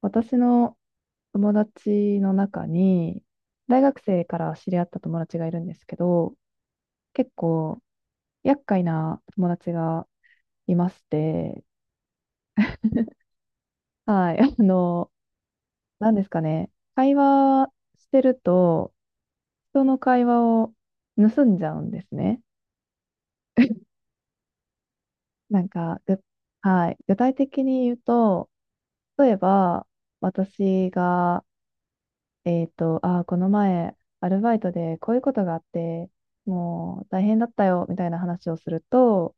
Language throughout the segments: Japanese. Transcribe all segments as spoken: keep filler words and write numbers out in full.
私の友達の中に、大学生から知り合った友達がいるんですけど、結構厄介な友達がいまして、はい。あの、何ですかね、会話してると、人の会話を盗んじゃうんですね。なんか、ぐ、はい、具体的に言うと、例えば、私がえっと、ああ、この前、アルバイトでこういうことがあって、もう大変だったよ、みたいな話をすると、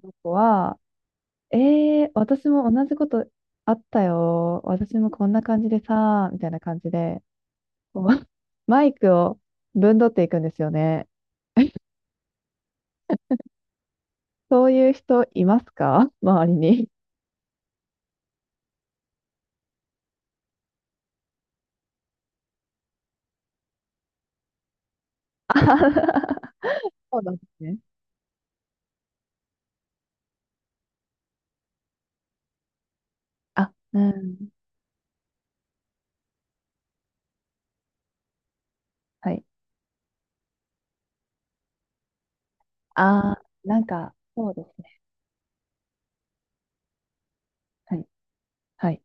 その子は、えー、私も同じことあったよ、私もこんな感じでさ、みたいな感じで、こう、マイクをぶんどっていくんですよね。そういう人いますか周りに。あはは、そうなんですね。あ、うん。はい。ああ、なんか、そうですね。はい。はい。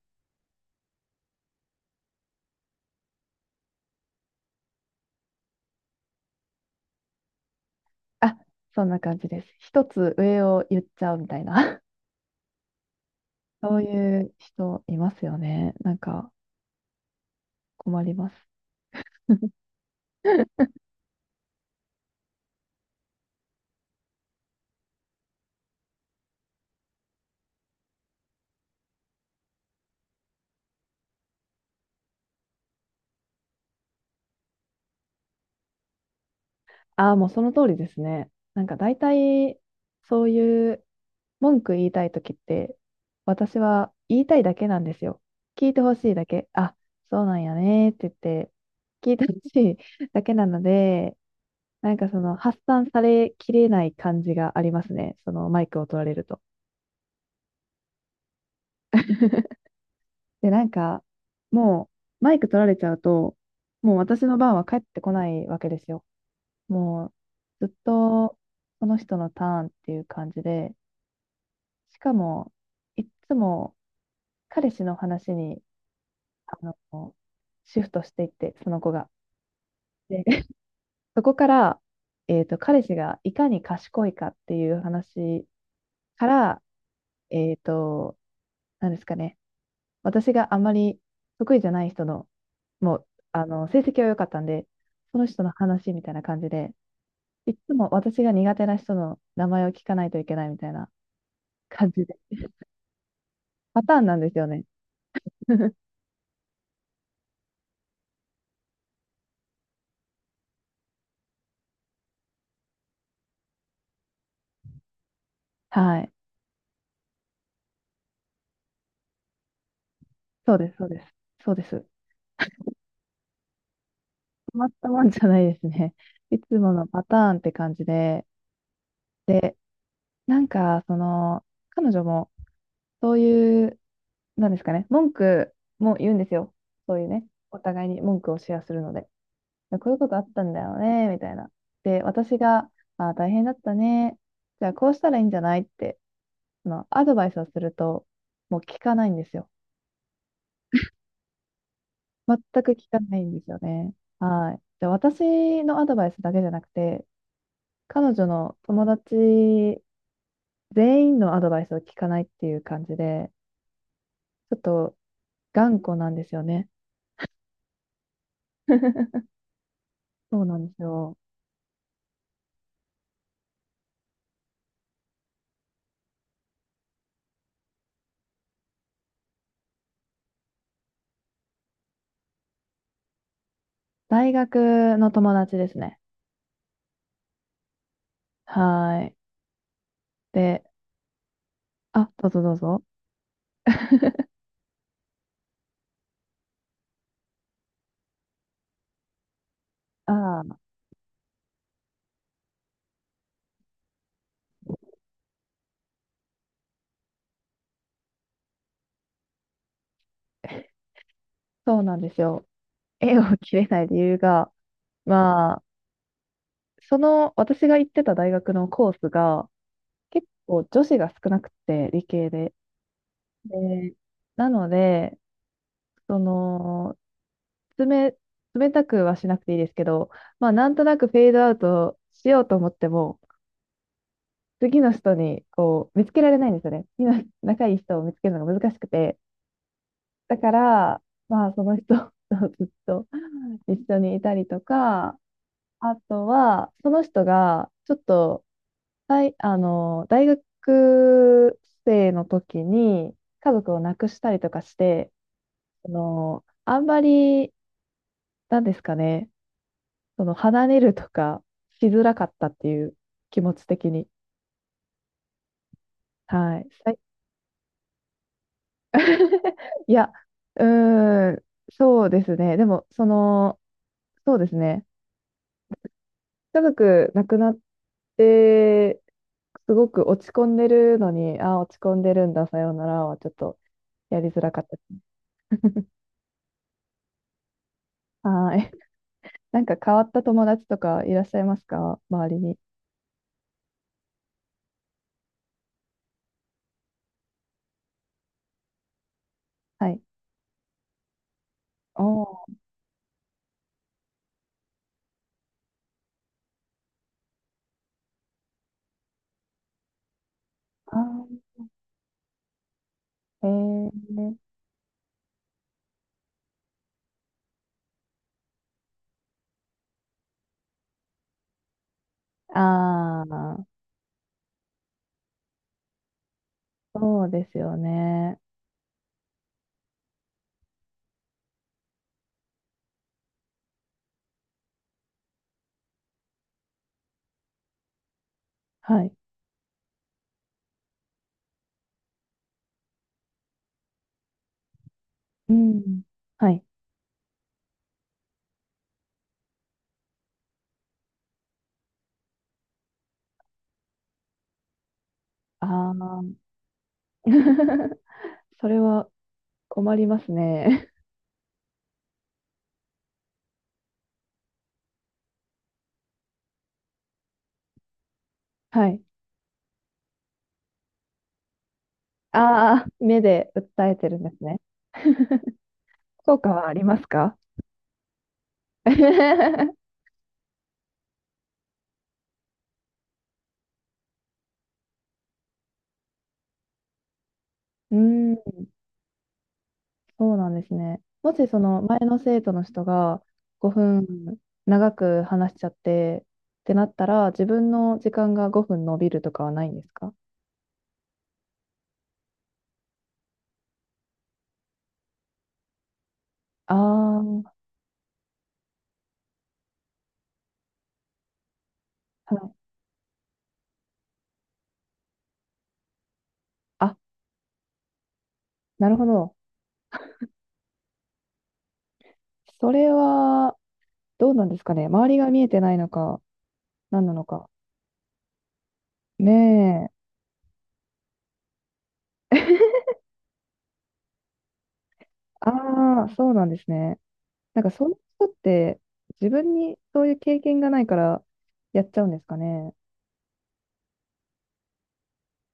あ、そんな感じです。一つ上を言っちゃうみたいな。そういう人いますよね。なんか困ります。ああ、もうその通りですね。なんか大体、そういう文句言いたいときって、私は言いたいだけなんですよ。聞いてほしいだけ。あ、そうなんやねって言って、聞いてほしいだけなので、なんかその発散されきれない感じがありますね。そのマイクを取られると。で、なんか、もう、マイク取られちゃうと、もう私の番は帰ってこないわけですよ。もう、ずっと、その人のターンっていう感じで、しかも、いっつも、彼氏の話に、こうシフトしていって、その子が。で、そこから、えっと、彼氏がいかに賢いかっていう話から、えっと、なんですかね、私があんまり得意じゃない人のもう、あの、成績は良かったんで、その人の話みたいな感じで、いつも私が苦手な人の名前を聞かないといけないみたいな感じで、パターンなんですよね。はい。そうです、そうです。そうです。止まったもんじゃないですね。いつものパターンって感じで、で、なんか、その、彼女も、そういう、なんですかね、文句も言うんですよ。そういうね、お互いに文句をシェアするので。こういうことあったんだよね、みたいな。で、私が、あー、大変だったね。じゃあ、こうしたらいいんじゃないって、まあ、アドバイスをすると、もう聞かないんですよ。全く聞かないんですよね。はい。で、私のアドバイスだけじゃなくて、彼女の友達全員のアドバイスを聞かないっていう感じで、ちょっと頑固なんですよね。そうなんですよ。大学の友達ですね。はい。で、あ、どうぞどうぞ。ああ、そうなんですよ。縁を切れない理由が、まあ、その、私が行ってた大学のコースが、結構女子が少なくて、理系で。で、なので、その、冷、冷たくはしなくていいですけど、まあ、なんとなくフェードアウトしようと思っても、次の人に、こう、見つけられないんですよね。次の仲いい人を見つけるのが難しくて。だから、まあ、その人 とずっと一緒にいたりとか、あとは、その人が、ちょっと、大、あの、大学生の時に家族を亡くしたりとかして、あの、あんまり、なんですかね、その、離れるとかしづらかったっていう気持ち的に。はい。さい いや、うーん、そうですね。でも、その、そうですね。家族亡くなって、すごく落ち込んでるのに、あ落ち込んでるんだ、さようならはちょっとやりづらかったですね。はーい。なんか変わった友達とかいらっしゃいますか周りに。はい。おー、あー、へえ。ああ、そうですよね。はい。うん。はい。ああ。それは困りますね。はい。ああ、目で訴えてるんですね。効果はありますか？ うーん。そうなんですね。もしその前の生徒の人がごふん長く話しちゃってってなったら、自分の時間がごふん伸びるとかはないんですか？ああー、はい。あ、なるほど。それはどうなんですかね。周りが見えてないのか、何なのか。ねえ。ああ、そうなんですね。なんかその人って自分にそういう経験がないからやっちゃうんですかね。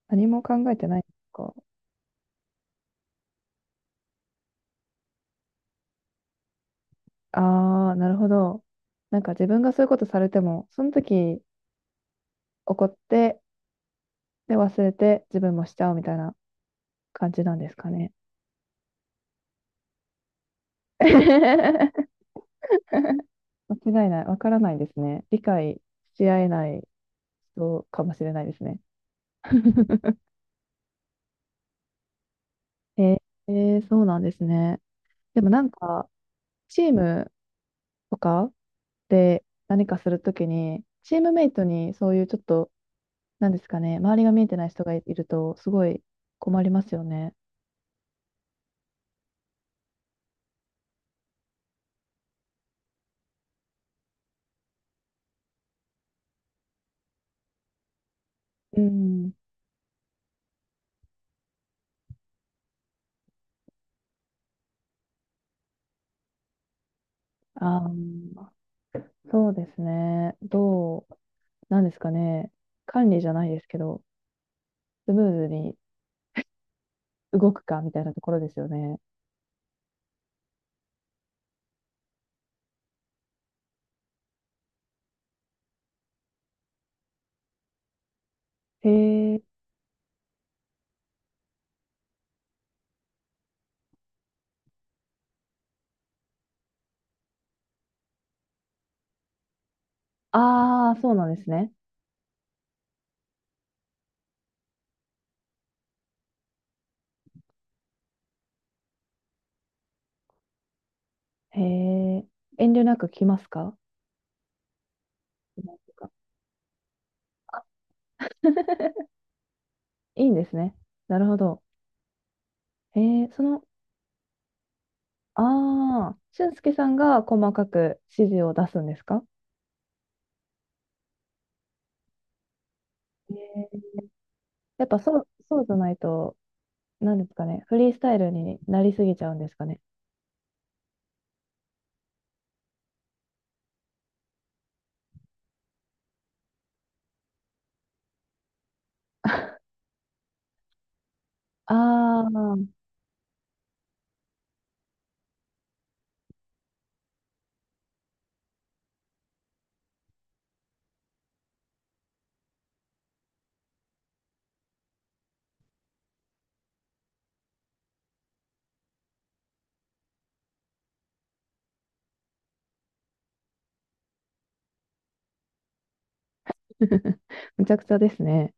何も考えてないんですか？ああ、なるほど。なんか自分がそういうことされても、その時怒って、で、忘れて自分もしちゃうみたいな感じなんですかね。間違いない。わからないですね。理解し合えない人かもしれないですね。えーえーそうなんですね。でもなんか、チームとかで何かするときに、チームメイトにそういうちょっと、なんですかね、周りが見えてない人がいると、すごい困りますよね。うん。ああ。そうですね。どう、なんですかね。管理じゃないですけど、スムーズに動くかみたいなところですよね。へえ。ああ、そうなんですね。へえ。遠慮なく来ますか？なんとか いいんですね。なるほど。へえ、その、ああ、俊介さんが細かく指示を出すんですか？へえ、やっぱそう、そうじゃないと、なんですかね。フリースタイルになりすぎちゃうんですかね。ああ、むちゃくちゃですね。